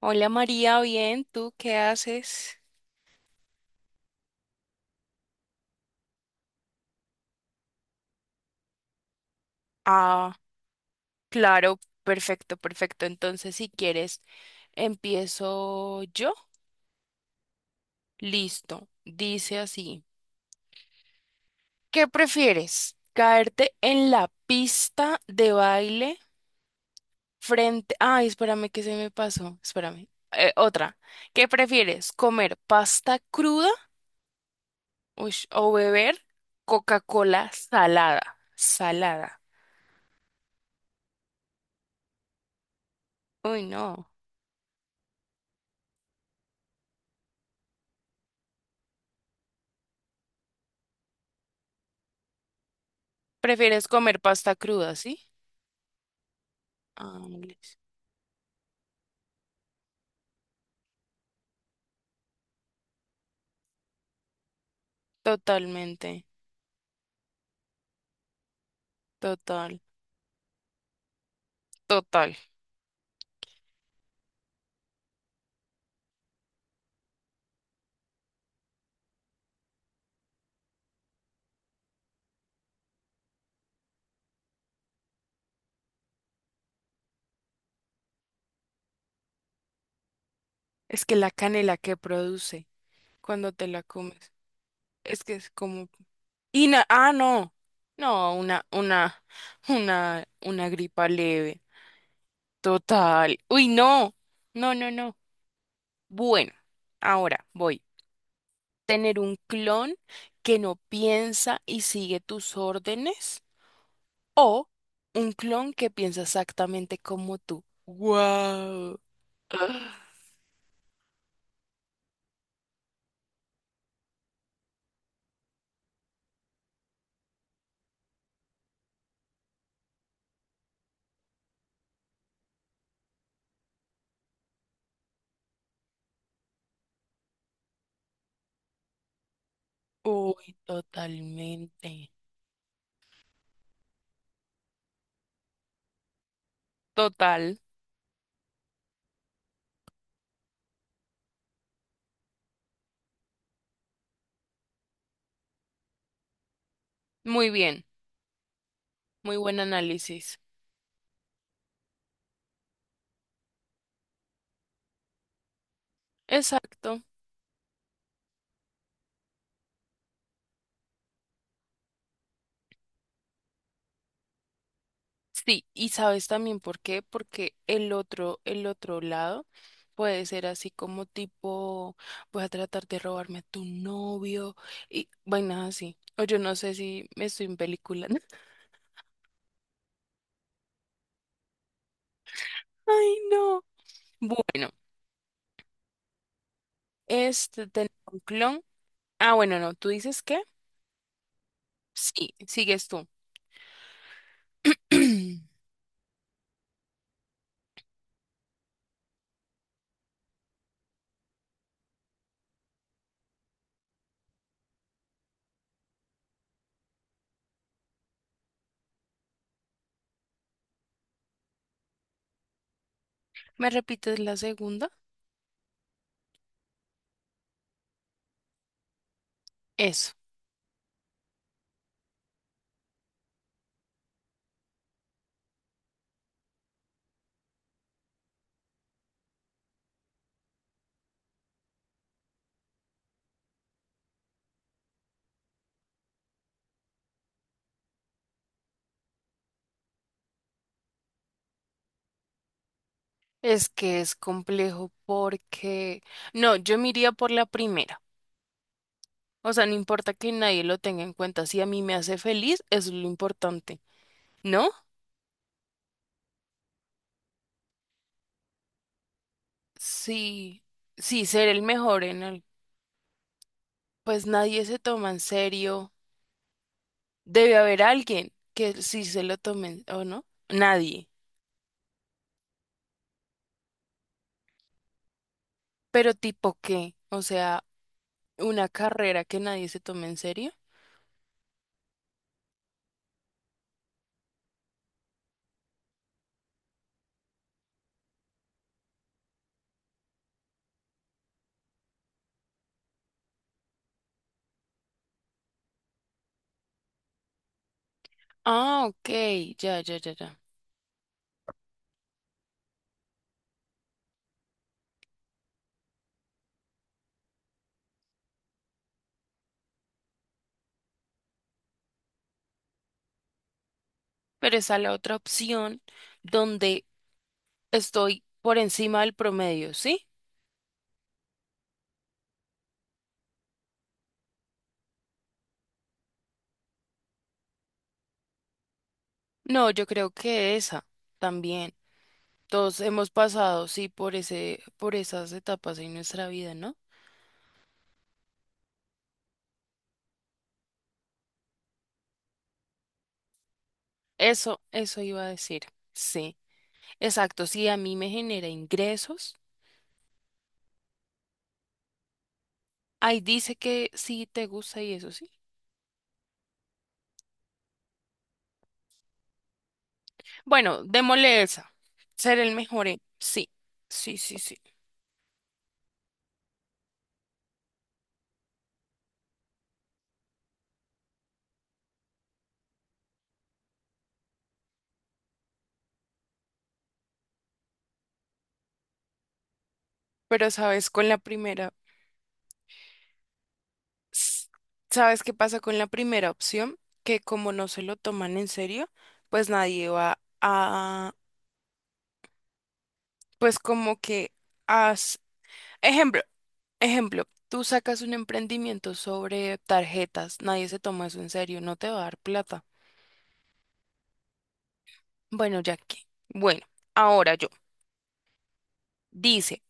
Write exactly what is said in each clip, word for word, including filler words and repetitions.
Hola María, bien, ¿tú qué haces? Ah, claro, perfecto, perfecto. Entonces, si quieres, empiezo yo. Listo, dice así. ¿Qué prefieres? ¿Caerte en la pista de baile frente... Ay, espérame que se me pasó, espérame. Eh, otra. ¿Qué prefieres? ¿Comer pasta cruda, ush, o beber Coca-Cola salada? Salada. Uy, no. ¿Prefieres comer pasta cruda, sí? Ángeles. Totalmente, total, total. Es que la canela que produce cuando te la comes, es que es como... Y na- ah, no, no, una, una, una, una gripa leve. Total. Uy, no, no, no, no. Bueno, ahora voy. Tener un clon que no piensa y sigue tus órdenes o un clon que piensa exactamente como tú. Wow. Uy, totalmente. Total. Muy bien. Muy buen análisis. Exacto. Sí, y sabes también por qué, porque el otro, el otro lado puede ser así como tipo, voy a tratar de robarme a tu novio y vainas así. O yo no sé si me estoy en película. Ay, no. Bueno, este tengo un clon. Ah, bueno, no, ¿tú dices qué? Sí, sigues tú. ¿Me repites la segunda? Eso. Es que es complejo porque, no, yo me iría por la primera. O sea, no importa que nadie lo tenga en cuenta. Si a mí me hace feliz, eso es lo importante, ¿no? Sí, sí, ser el mejor en el... Pues nadie se toma en serio. Debe haber alguien que sí se lo tome, ¿o no? Nadie. ¿Pero tipo qué? O sea, una carrera que nadie se tome en serio. Ah, ok, ya, ya, ya, ya. Pero esa es la otra opción donde estoy por encima del promedio, ¿sí? No, yo creo que esa también. Todos hemos pasado, sí, por ese, por esas etapas en nuestra vida, ¿no? Eso, eso iba a decir. Sí, exacto. Sí, a mí me genera ingresos. Ahí dice que sí te gusta y eso, sí. Bueno, démosle esa. Ser el mejor en- sí, sí, sí, sí. Pero sabes, con la primera. s- ¿Sabes qué pasa con la primera opción? Que como no se lo toman en serio, pues nadie va a, pues como que haz, ejemplo, ejemplo, tú sacas un emprendimiento sobre tarjetas, nadie se toma eso en serio, no te va a dar plata. Bueno, ya que, bueno, ahora yo, dice,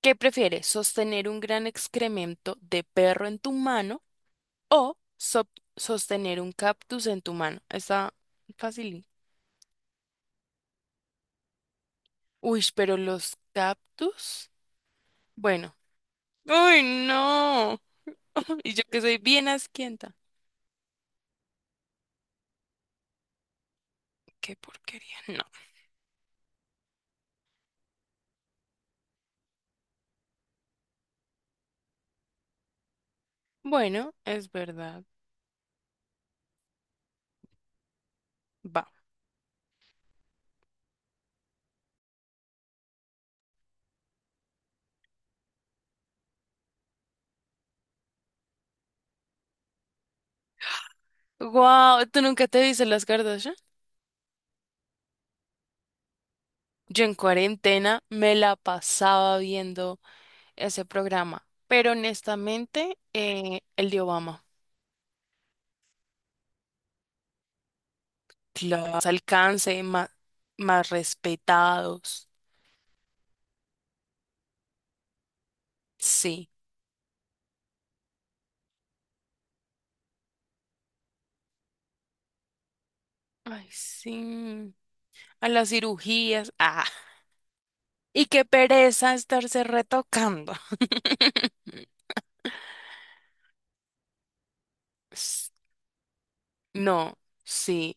¿qué prefieres? ¿Sostener un gran excremento de perro en tu mano o so- sostener un cactus en tu mano? Está fácil. Uy, pero los cactus. Bueno. Uy, no. Y yo que soy bien asquienta. Qué porquería. No. Bueno, es verdad. Va. Wow, ¿tú nunca te viste las Kardashian? Yo en cuarentena me la pasaba viendo ese programa. Pero honestamente, eh, el de Obama. Claro. Más alcance, más, más respetados. Sí. Ay, sí. A las cirugías, ah. Y qué pereza estarse retocando. S- No, sí.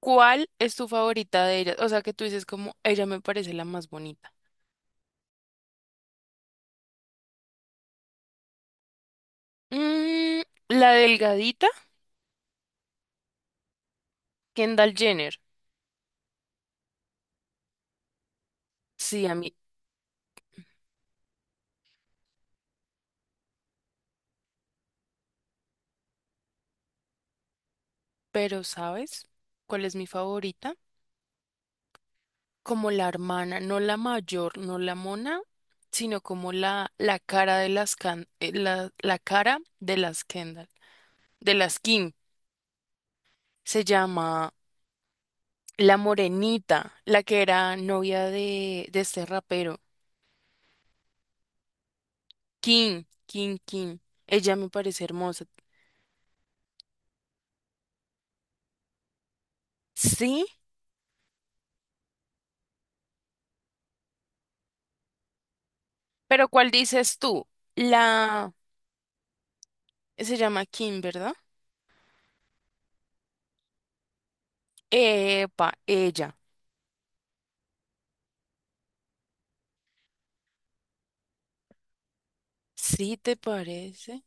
¿Cuál es tu favorita de ellas? O sea, que tú dices como, ella me parece la más bonita. Mm, la delgadita, Kendall Jenner. Sí, a mí. Pero, ¿sabes cuál es mi favorita? Como la hermana, no la mayor, no la mona, sino como la, la cara de las Kan- eh, la, la cara de las Kendall, de las Kim. Se llama la morenita, la que era novia de, de este rapero. Kim, Kim, Kim. Ella me parece hermosa. Sí, pero ¿cuál dices tú? La... Se llama Kim, ¿verdad? Epa, ella. ¿Sí te parece?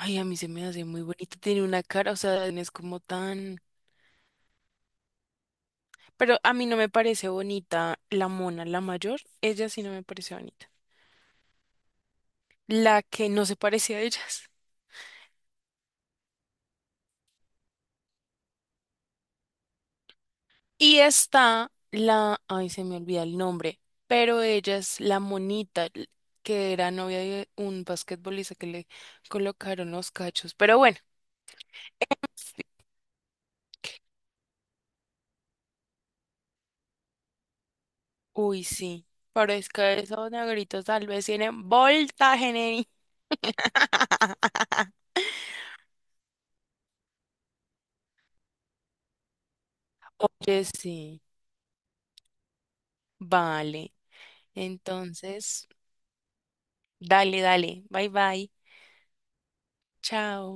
Ay, a mí se me hace muy bonita. Tiene una cara, o sea, no es como tan... Pero a mí no me parece bonita la mona, la mayor. Ella sí no me parece bonita. La que no se parece a ellas. Y está la, ay, se me olvida el nombre, pero ella es la monita l- que era novia de un basquetbolista que le colocaron los cachos. Pero bueno, uy, sí, pero es que esos negritos tal vez tienen voltaje, neni. Oye, sí, vale. Entonces, dale, dale. Bye, bye. Chao.